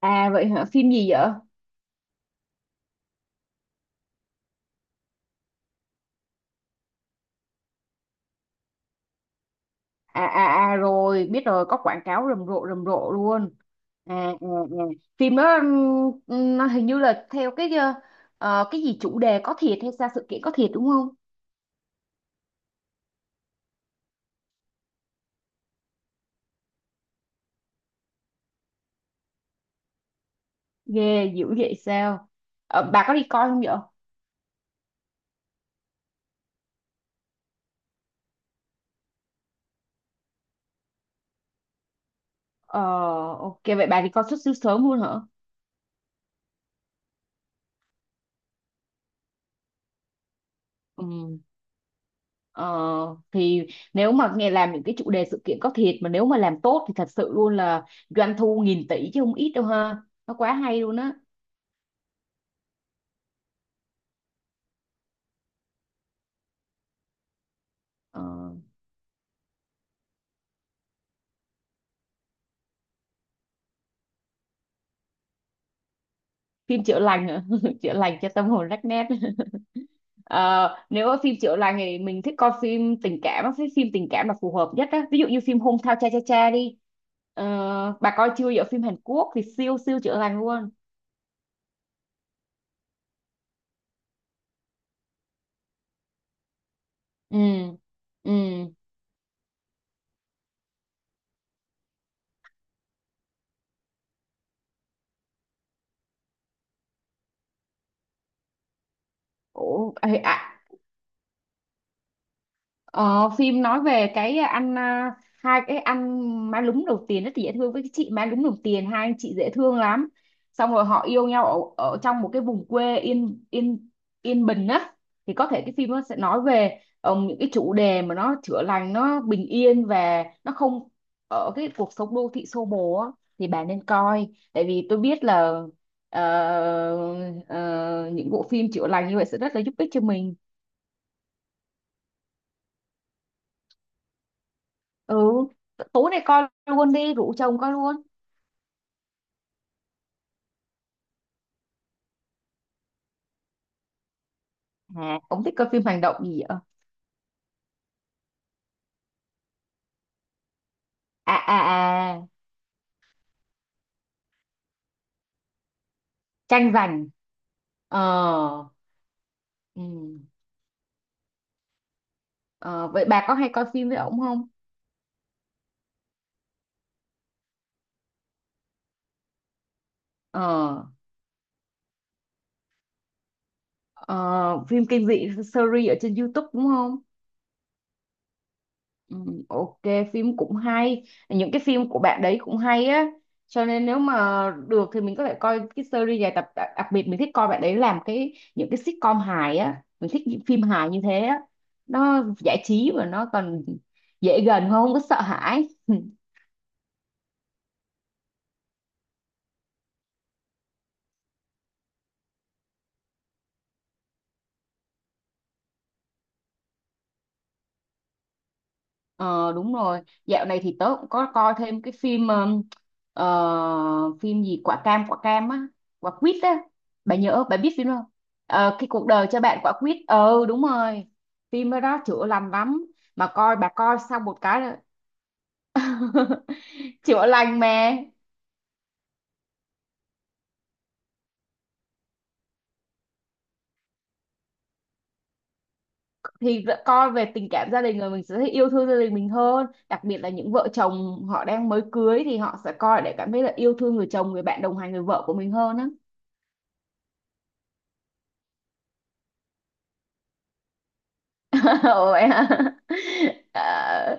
À vậy hả? Phim gì vậy? À rồi, biết rồi, có quảng cáo rầm rộ luôn. À, à, à. Phim đó nó hình như là theo cái gì chủ đề có thiệt hay sao, sự kiện có thiệt đúng không? Ghê dữ vậy sao? Ờ, bà có đi coi không vậy? Ờ, ok, vậy bà đi coi xuất xứ sớm luôn hả? Ừ. Ờ, thì nếu mà nghe làm những cái chủ đề sự kiện có thiệt mà nếu mà làm tốt thì thật sự luôn là doanh thu nghìn tỷ chứ không ít đâu ha. Nó quá hay luôn á. Ờ, phim chữa lành hả? Chữa lành cho tâm hồn rách nét. Ờ, nếu mà phim chữa lành thì mình thích coi phim tình cảm á, phim phim tình cảm là phù hợp nhất á, ví dụ như phim Hôn Thao Cha Cha Cha đi. Ờ, bà coi chưa? Giờ phim Hàn Quốc thì siêu siêu chữa lành luôn. Ừ. Ừ. Ủa, à, ờ, phim nói về cái anh, à, hai cái anh má lúm đầu tiền rất dễ thương với cái chị má lúm đầu tiền, hai anh chị dễ thương lắm, xong rồi họ yêu nhau ở trong một cái vùng quê yên yên yên bình á, thì có thể cái phim nó sẽ nói về những cái chủ đề mà nó chữa lành, nó bình yên và nó không ở cái cuộc sống đô thị xô bồ á, thì bạn nên coi. Tại vì tôi biết là ờ, ờ, những bộ phim chữa lành như vậy sẽ rất là giúp ích cho mình. Ừ, tối nay coi luôn đi, rủ chồng coi luôn. À, ông thích coi phim hành động gì vậy? À, tranh giành. Ờ. Ừ. Ờ, vậy bà có hay coi phim với ổng không? Ờ. Ờ, phim kinh dị series ở trên YouTube đúng không? Ừ, ok, phim cũng hay, những cái phim của bạn đấy cũng hay á, cho nên nếu mà được thì mình có thể coi cái series dài tập, đặc biệt mình thích coi bạn đấy làm cái những cái sitcom hài á, mình thích những phim hài như thế á, nó giải trí và nó còn dễ gần hơn, không có sợ hãi. Ờ đúng rồi, dạo này thì tớ cũng có coi thêm cái phim ờ, phim gì quả cam, quả cam á, quả quýt á, bà nhớ, bà biết phim không? Ờ, cái cuộc đời cho bạn quả quýt, ừ đúng rồi, phim đó chữa lành lắm, mà coi, bà coi xong một cái là chữa lành mà. Thì r- coi về tình cảm gia đình rồi mình sẽ thấy yêu thương gia đình mình hơn, đặc biệt là những vợ chồng họ đang mới cưới thì họ sẽ coi để cảm thấy là yêu thương người chồng, người bạn đồng hành, người vợ của mình hơn á. Ủa vậy hả? Ờ.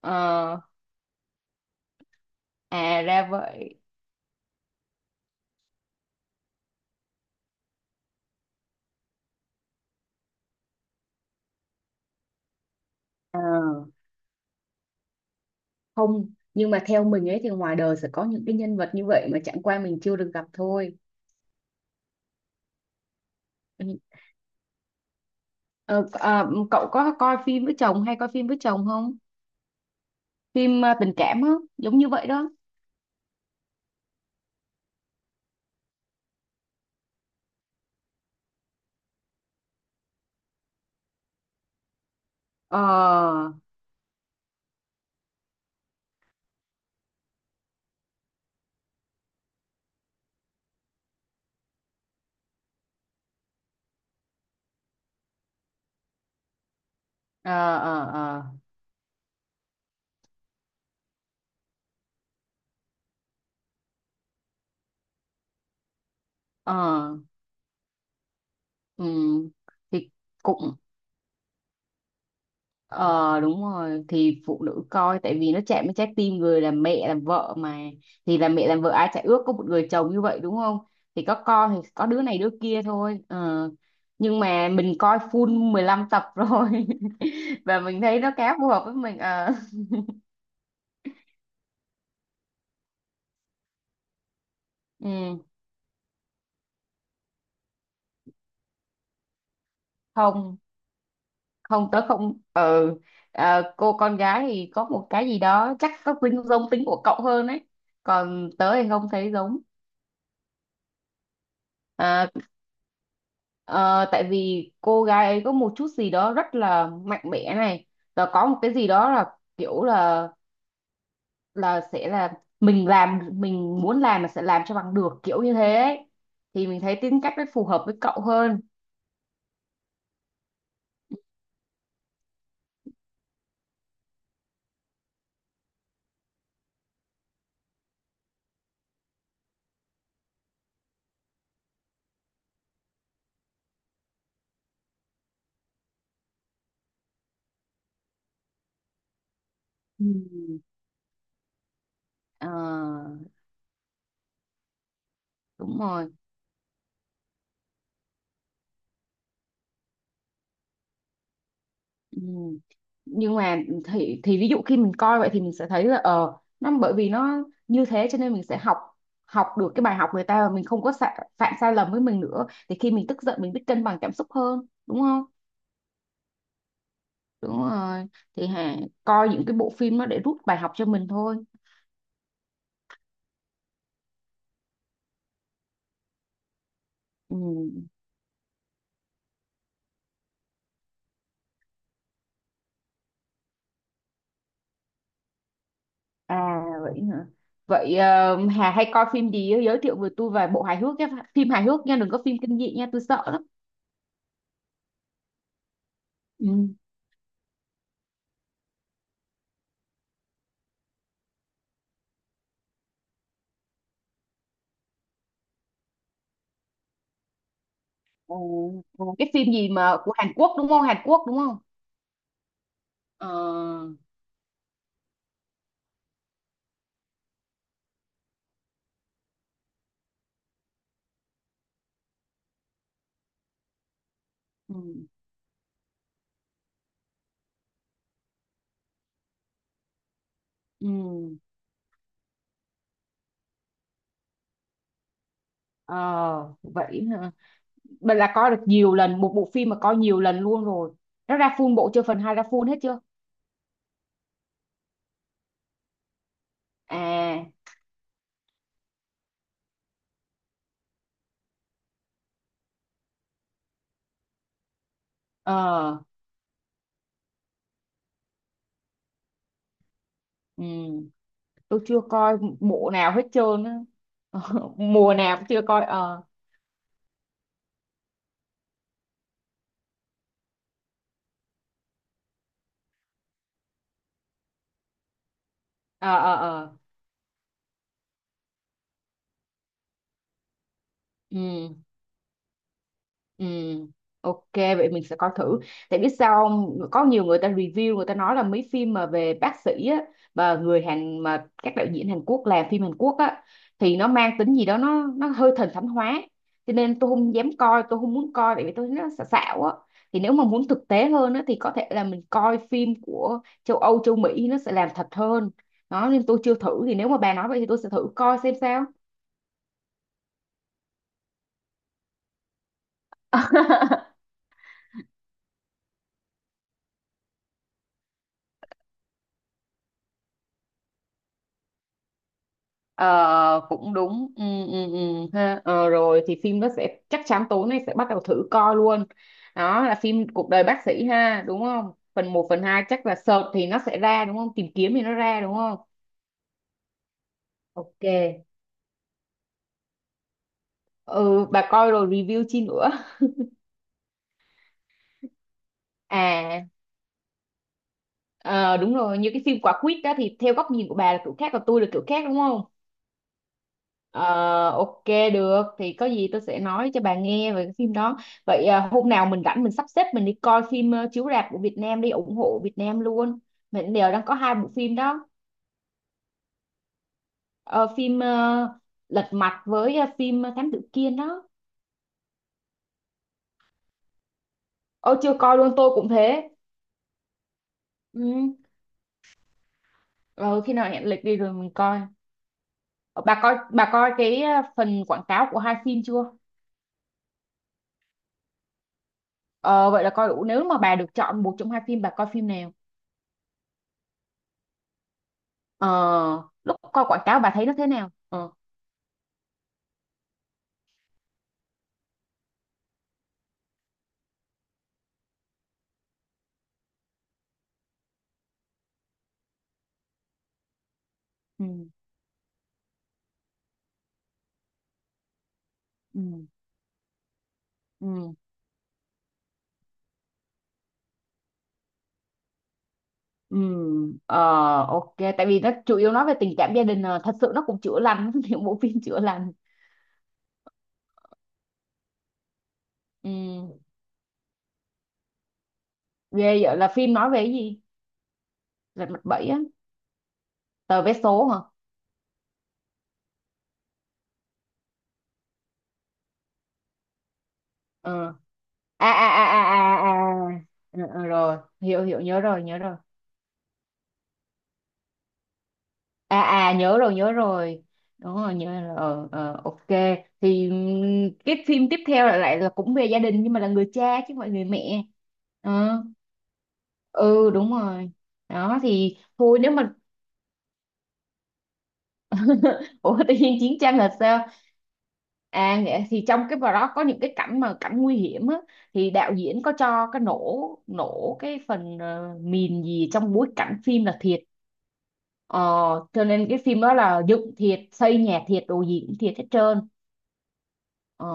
Ờ, à ra vậy. Ờ, không, nhưng mà theo mình ấy thì ngoài đời sẽ có những cái nhân vật như vậy mà chẳng qua mình chưa được gặp thôi. Ừ. Ờ, à, cậu có coi phim với chồng, hay coi phim với chồng không? Phim à, tình cảm á, giống như vậy đó. Ờ, ờ, ờ, ờ, ờ, ừ. Thì cũng, ờ đúng rồi, thì phụ nữ coi tại vì nó chạm đến trái tim người làm mẹ làm vợ mà, thì làm mẹ làm vợ ai chả ước có một người chồng như vậy đúng không, thì có con thì có đứa này đứa kia thôi ờ. Nhưng mà mình coi full 15 tập rồi và mình thấy nó khá phù hợp với mình ờ. Ừ. không không, tớ không, ừ. Ờ, cô con gái thì có một cái gì đó, chắc có tính giống tính của cậu hơn ấy, còn tớ thì không thấy giống. Ờ, ờ, tại vì cô gái ấy có một chút gì đó rất là mạnh mẽ này, và có một cái gì đó là kiểu là sẽ là mình làm mình muốn làm mà sẽ làm cho bằng được kiểu như thế ấy. Thì mình thấy tính cách nó phù hợp với cậu hơn. Ừ. Ờ, đúng rồi. Ừ. Nhưng mà thì ví dụ khi mình coi vậy thì mình sẽ thấy là ờ, nó bởi vì nó như thế cho nên mình sẽ học học được cái bài học người ta và mình không có sa, phạm sai lầm với mình nữa, thì khi mình tức giận mình biết cân bằng cảm xúc hơn đúng không? Đúng rồi, thì Hà coi những cái bộ phim nó để rút bài học cho mình thôi. Ừ. À vậy hả? Vậy ờ, Hà hay coi phim gì á? Giới thiệu với tôi vài bộ hài hước nhé, phim hài hước nha, đừng có phim kinh dị nha, tôi sợ lắm. Ừ. Ờ, ờ, cái phim gì mà của Hàn Quốc đúng không, Hàn Quốc đúng không? Ờ. Ừ, ừ, ờ vậy hả? Bạn là coi được nhiều lần một bộ phim mà coi nhiều lần luôn rồi, nó ra full bộ chưa, phần 2 ra full hết chưa? À. Ờ. Ừ, tôi chưa coi bộ nào hết trơn á. Mùa nào cũng chưa coi ờ. ờ ờ ờ ừ. Ừ, ok, vậy mình sẽ coi thử, tại biết sao không, có nhiều người ta review, người ta nói là mấy phim mà về bác sĩ á, và người Hàn mà các đạo diễn Hàn Quốc làm phim Hàn Quốc á thì nó mang tính gì đó, nó hơi thần thánh hóa, cho nên tôi không dám coi, tôi không muốn coi tại vì tôi thấy nó xạo xạo á. Thì nếu mà muốn thực tế hơn á thì có thể là mình coi phim của châu Âu, châu Mỹ, nó sẽ làm thật hơn đó, nên tôi chưa thử, thì nếu mà bà nói vậy thì tôi sẽ thử coi xem sao. Ờ, cũng đúng, ừ, ừ, ừ, ha. Ờ, rồi thì phim nó sẽ, chắc chắn tối nay sẽ bắt đầu thử coi luôn, đó là phim cuộc đời bác sĩ ha đúng không, phần một phần hai, chắc là search thì nó sẽ ra đúng không, tìm kiếm thì nó ra đúng không? Ok. Ừ, bà coi rồi review chi nữa. À, ờ, đúng rồi, như cái phim quả quýt đó thì theo góc nhìn của bà là kiểu khác, còn tôi là kiểu khác đúng không? Ờ, ok, được thì có gì tôi sẽ nói cho bà nghe về cái phim đó. Vậy à, hôm nào mình rảnh mình sắp xếp mình đi coi phim ờ, chiếu rạp của Việt Nam, đi ủng hộ Việt Nam luôn. Mình đều đang có hai bộ phim đó. Ờ, phim ờ, Lật Mặt với ờ, phim ờ, Thám Tử Kiên đó. Ôi chưa coi luôn, tôi cũng thế. Ừ. Ờ, khi nào hẹn lịch đi rồi mình coi. Ờ, bà coi, bà coi cái ờ, phần quảng cáo của hai phim chưa? Ờ, vậy là coi đủ, nếu mà bà được chọn một trong hai phim bà coi phim nào? Ờ, lúc coi quảng cáo bà thấy nó thế nào? Ờ, ừ. ừ ừ ừ ờ ok, tại vì nó chủ yếu nói về tình cảm gia đình à. Thật sự nó cũng chữa lành, những bộ phim chữa lành. Ừ. Ghê vậy, là phim nói về cái gì? Lật mặt bảy á? Tờ vé số hả? Ừ. à à à à à à ừ, ừ, rồi, hiểu hiểu, nhớ rồi nhớ rồi. À à, nhớ rồi nhớ rồi. Đúng rồi, nhớ rồi, ờ, ờ, ok. Thì cái phim tiếp theo lại lại là cũng về gia đình nhưng mà là người cha chứ không phải người mẹ. Ờ. Ừ đúng rồi. Đó thì thôi, nếu mà ủa tự nhiên chiến tranh là sao? À nghĩa-, thì trong cái vào đó có những cái cảnh mà cảnh nguy hiểm á, thì đạo diễn có cho cái nổ, nổ cái phần ờ, mìn gì trong bối cảnh phim là thiệt. Ờ, cho nên cái phim đó là dựng thiệt, xây nhà thiệt, đồ gì cũng thiệt hết trơn. Ờ,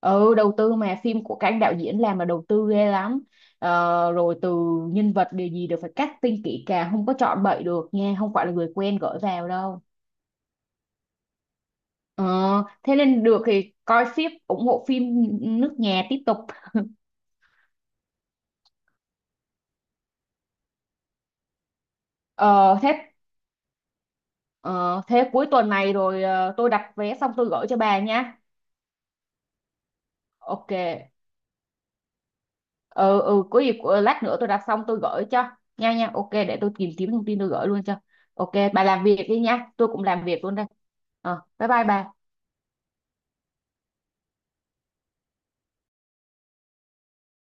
ừ, đầu tư mà, phim của các anh đạo diễn làm là đầu tư ghê lắm. Ờ, rồi từ nhân vật điều gì đều phải casting kỹ càng, không có chọn bậy được nha, không phải là người quen gửi vào đâu. Ờ, thế nên được thì coi phim ủng hộ phim nước nhà tiếp tục. Ờ, thế ờ, thế cuối tuần này rồi ờ, tôi đặt vé xong tôi gửi cho bà nha. Ok, ừ, ừ, có gì của-, lát nữa tôi đặt xong tôi gửi cho, nha nha, ok, để tôi tìm kiếm thông tin tôi gửi luôn cho. Ok, bà làm việc đi nha, tôi cũng làm việc luôn đây. Ờ, bye bye bà.